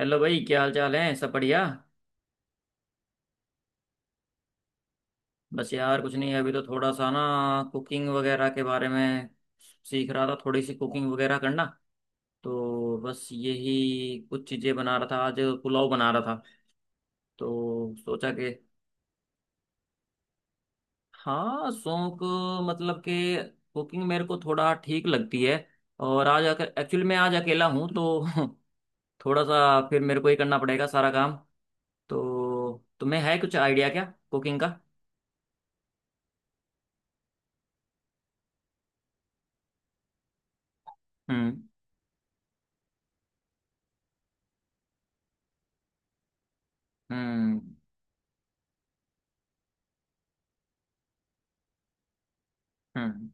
Hello भाई, क्या हाल चाल है? सब बढ़िया। बस यार कुछ नहीं, अभी तो थोड़ा सा ना कुकिंग वगैरह के बारे में सीख रहा था, थोड़ी सी कुकिंग वगैरह करना। तो बस यही कुछ चीज़ें बना रहा था आज। पुलाव बना रहा था तो सोचा कि हाँ, शौक। मतलब कि कुकिंग मेरे को थोड़ा ठीक लगती है। और आज आकर एक्चुअली मैं आज अकेला हूँ तो थोड़ा सा फिर मेरे को ही करना पड़ेगा सारा काम। तो तुम्हें है कुछ आइडिया क्या कुकिंग का? हम्म। हम्म। हम्म।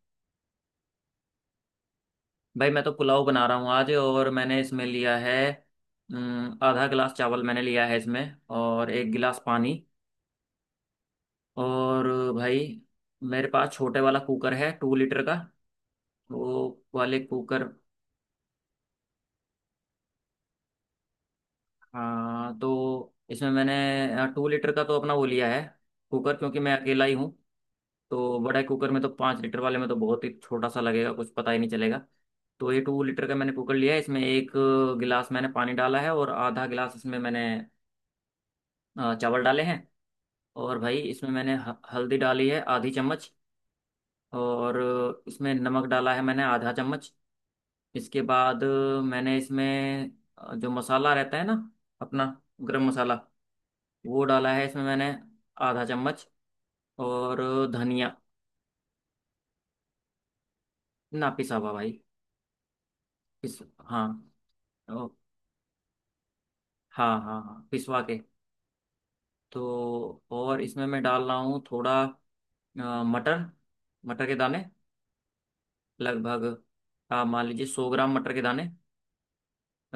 भाई मैं तो पुलाव बना रहा हूँ आज, और मैंने इसमें लिया है आधा गिलास चावल मैंने लिया है इसमें। और एक गिलास पानी। और भाई, मेरे पास छोटे वाला कुकर है, टू लीटर का वो वाले कुकर। हाँ, तो इसमें मैंने 2 लीटर का तो अपना वो लिया है कुकर, क्योंकि मैं अकेला ही हूँ। तो बड़े कुकर में तो, 5 लीटर वाले में तो बहुत ही छोटा सा लगेगा, कुछ पता ही नहीं चलेगा। तो ये 2 लीटर का मैंने कुकर लिया है। इसमें एक गिलास मैंने पानी डाला है, और आधा गिलास इसमें मैंने चावल डाले हैं। और भाई इसमें मैंने हल्दी डाली है आधी चम्मच। और इसमें नमक डाला है मैंने आधा चम्मच। इसके बाद मैंने इसमें जो मसाला रहता है ना अपना, गरम मसाला, वो डाला है इसमें मैंने आधा चम्मच। और धनिया। ना, पिसा हुआ भाई। पिस हाँ। ओ, हाँ हाँ हाँ, पिसवा के। तो और इसमें मैं डाल रहा हूँ थोड़ा मटर, मटर के दाने। लगभग, आप मान लीजिए, 100 ग्राम मटर के दाने।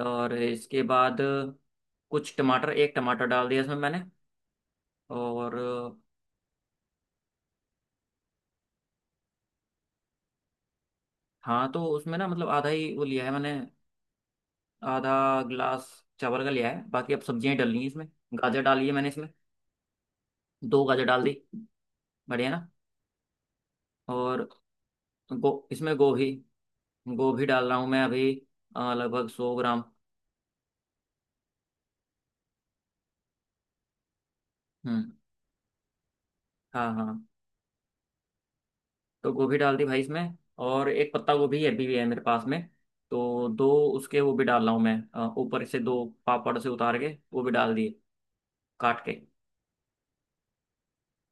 और इसके बाद कुछ टमाटर, एक टमाटर डाल दिया इसमें मैंने। और हाँ, तो उसमें ना मतलब आधा ही वो लिया है मैंने, आधा गिलास चावल का लिया है, बाकी अब सब्जियां ही डालनी है इसमें। गाजर डाली है मैंने इसमें, दो गाजर डाल दी। बढ़िया ना। और गो इसमें गोभी, गोभी डाल रहा हूँ मैं अभी, लगभग 100 ग्राम। हम्म। हाँ हाँ, तो गोभी डाल दी भाई इसमें। और एक पत्ता गोभी अभी भी है मेरे पास में, तो दो उसके वो भी डाल रहा हूँ मैं। ऊपर से दो पापड़ से उतार के वो भी डाल दिए, काट के।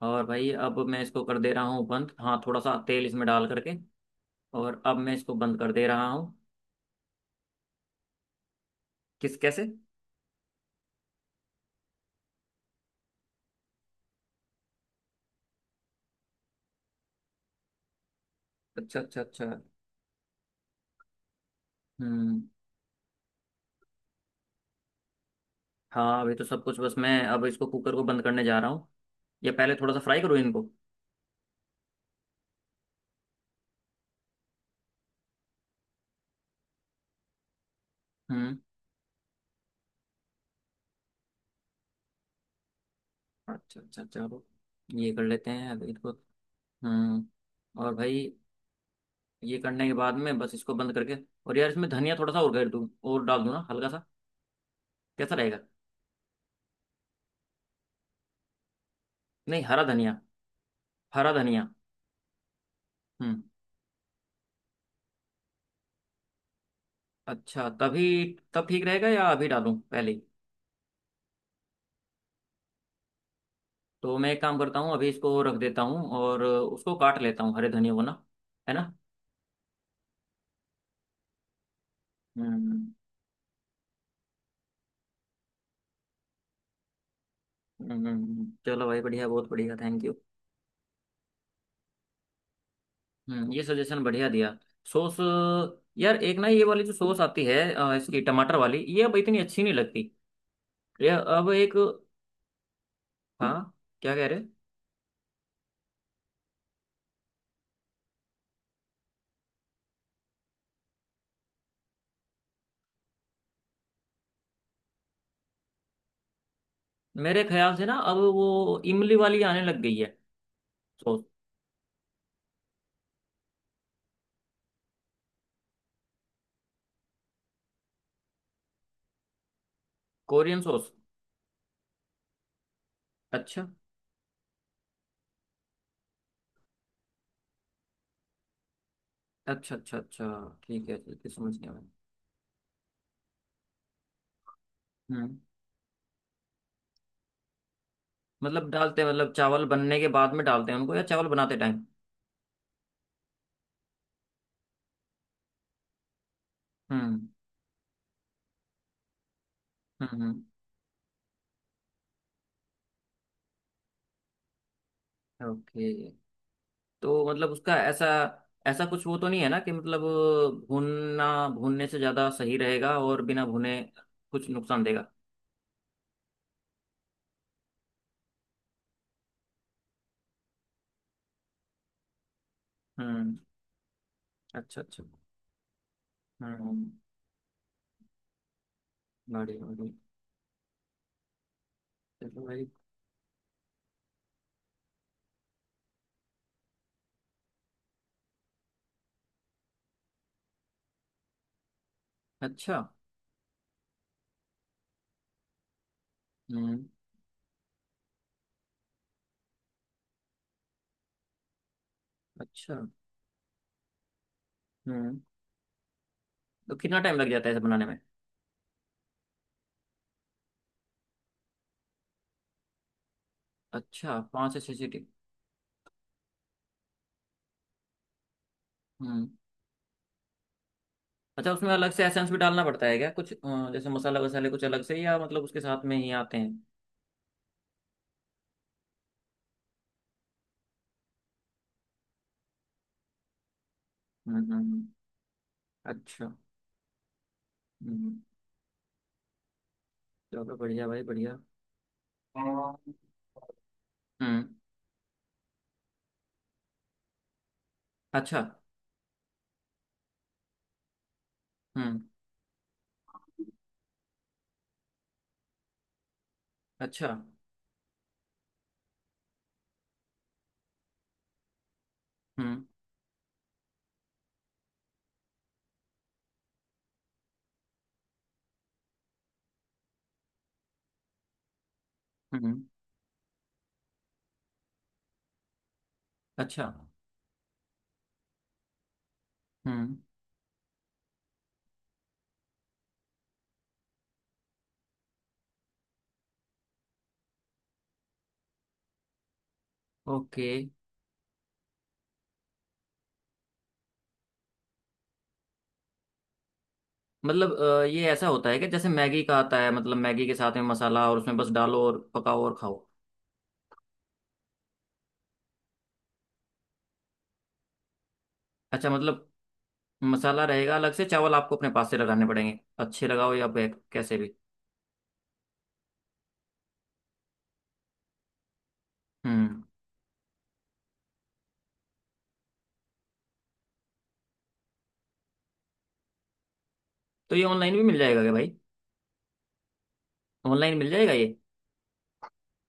और भाई अब मैं इसको कर दे रहा हूँ बंद, हाँ थोड़ा सा तेल इसमें डाल करके। और अब मैं इसको बंद कर दे रहा हूँ। किस, कैसे? अच्छा अच्छा अच्छा। हम्म। हाँ, अभी तो सब कुछ बस, मैं अब इसको कुकर को बंद करने जा रहा हूँ। ये पहले थोड़ा सा फ्राई करो इनको। हम्म। अच्छा अच्छा, चलो। ये कर लेते हैं अब इनको। हम्म। और भाई ये करने के बाद में बस इसको बंद करके, और यार इसमें धनिया थोड़ा सा और कर दूँ, और डाल दूँ ना हल्का सा। कैसा रहेगा? नहीं, हरा धनिया। हरा धनिया। हम्म। अच्छा तभी तब ठीक रहेगा या अभी डालूं पहले ही? तो मैं एक काम करता हूँ, अभी इसको रख देता हूँ और उसको काट लेता हूँ हरे धनिया को ना। है ना। हम्म, चलो भाई बढ़िया, बहुत बढ़िया, थैंक यू। हम्म, ये सजेशन बढ़िया दिया। सॉस। यार, एक ना ये वाली जो सॉस आती है इसकी टमाटर वाली, ये अब इतनी अच्छी नहीं लगती। ये अब एक। हाँ। क्या कह रहे? मेरे ख्याल से ना अब वो इमली वाली आने लग गई है सॉस। Korean sauce. अच्छा अच्छा अच्छा, अच्छा ठीक है, ठीक है, समझ गया मैं। हम्म। मतलब डालते हैं मतलब चावल बनने के बाद में डालते हैं उनको या चावल बनाते टाइम? हम्म। हम्म। ओके। तो मतलब उसका ऐसा, ऐसा कुछ वो तो नहीं है ना कि मतलब भूनना, भूनने से ज़्यादा सही रहेगा और बिना भुने कुछ नुकसान देगा? हम्म। अच्छा अच्छा। हम्म। बढ़िया बढ़िया। चलो भाई। अच्छा। हम्म। अच्छा। हम्म। तो कितना टाइम लग जाता है इसे बनाने में? अच्छा, पाँच से छः सीटी। हम्म। अच्छा, उसमें अलग से एसेंस भी डालना पड़ता है क्या कुछ? जैसे मसाला वसाले कुछ अलग से, या मतलब उसके साथ में ही आते हैं? हम्म हम्म, हम्म। अच्छा। हम्म। चलो बढ़िया भाई, बढ़िया। हम्म। अच्छा। हम्म। अच्छा। हम्म। हम्म। अच्छा। हम्म। ओके। मतलब ये ऐसा होता है कि जैसे मैगी का आता है, मतलब मैगी के साथ में मसाला, और उसमें बस डालो और पकाओ और खाओ। अच्छा, मतलब मसाला रहेगा अलग से, चावल आपको अपने पास से लगाने पड़ेंगे, अच्छे लगाओ या बैक, कैसे भी। हम्म। तो ये ऑनलाइन भी मिल जाएगा क्या भाई? ऑनलाइन मिल जाएगा ये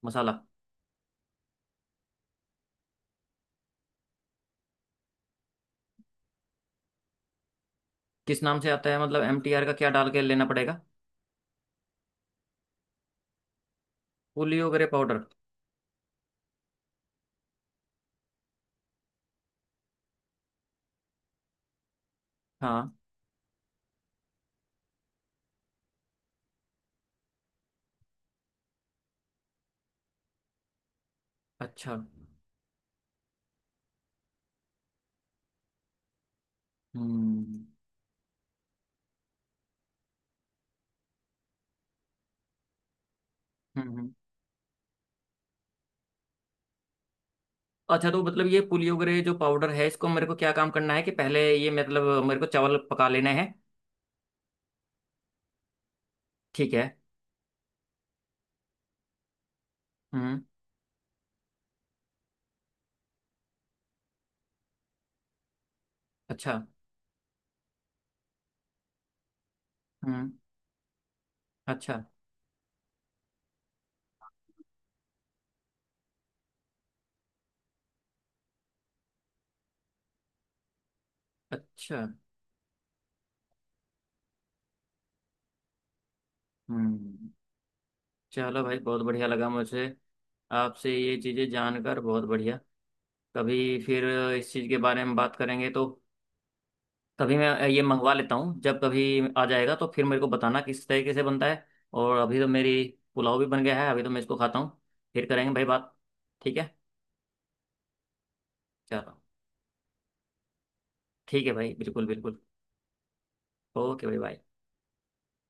मसाला? किस नाम से आता है मतलब, MTR का क्या डाल के लेना पड़ेगा? पुलियो ग्रे पाउडर। हाँ। अच्छा। हम्म, हम्म, अच्छा, तो मतलब ये पुलियो ग्रे जो पाउडर है, इसको मेरे को क्या काम करना है कि पहले ये मतलब मेरे को चावल पका लेने हैं? ठीक है। हम्म। अच्छा। हम्म। अच्छा अच्छा। हम्म। चलो भाई, बहुत बढ़िया लगा मुझे आपसे ये चीज़ें जानकर। बहुत बढ़िया। कभी फिर इस चीज़ के बारे में बात करेंगे तो, तभी मैं ये मंगवा लेता हूँ, जब कभी आ जाएगा तो फिर मेरे को बताना किस तरीके से बनता है। और अभी तो मेरी पुलाव भी बन गया है, अभी तो मैं इसको खाता हूँ। फिर करेंगे भाई बात। ठीक है। चलो, ठीक है भाई, बिल्कुल बिल्कुल। ओके भाई, बाय।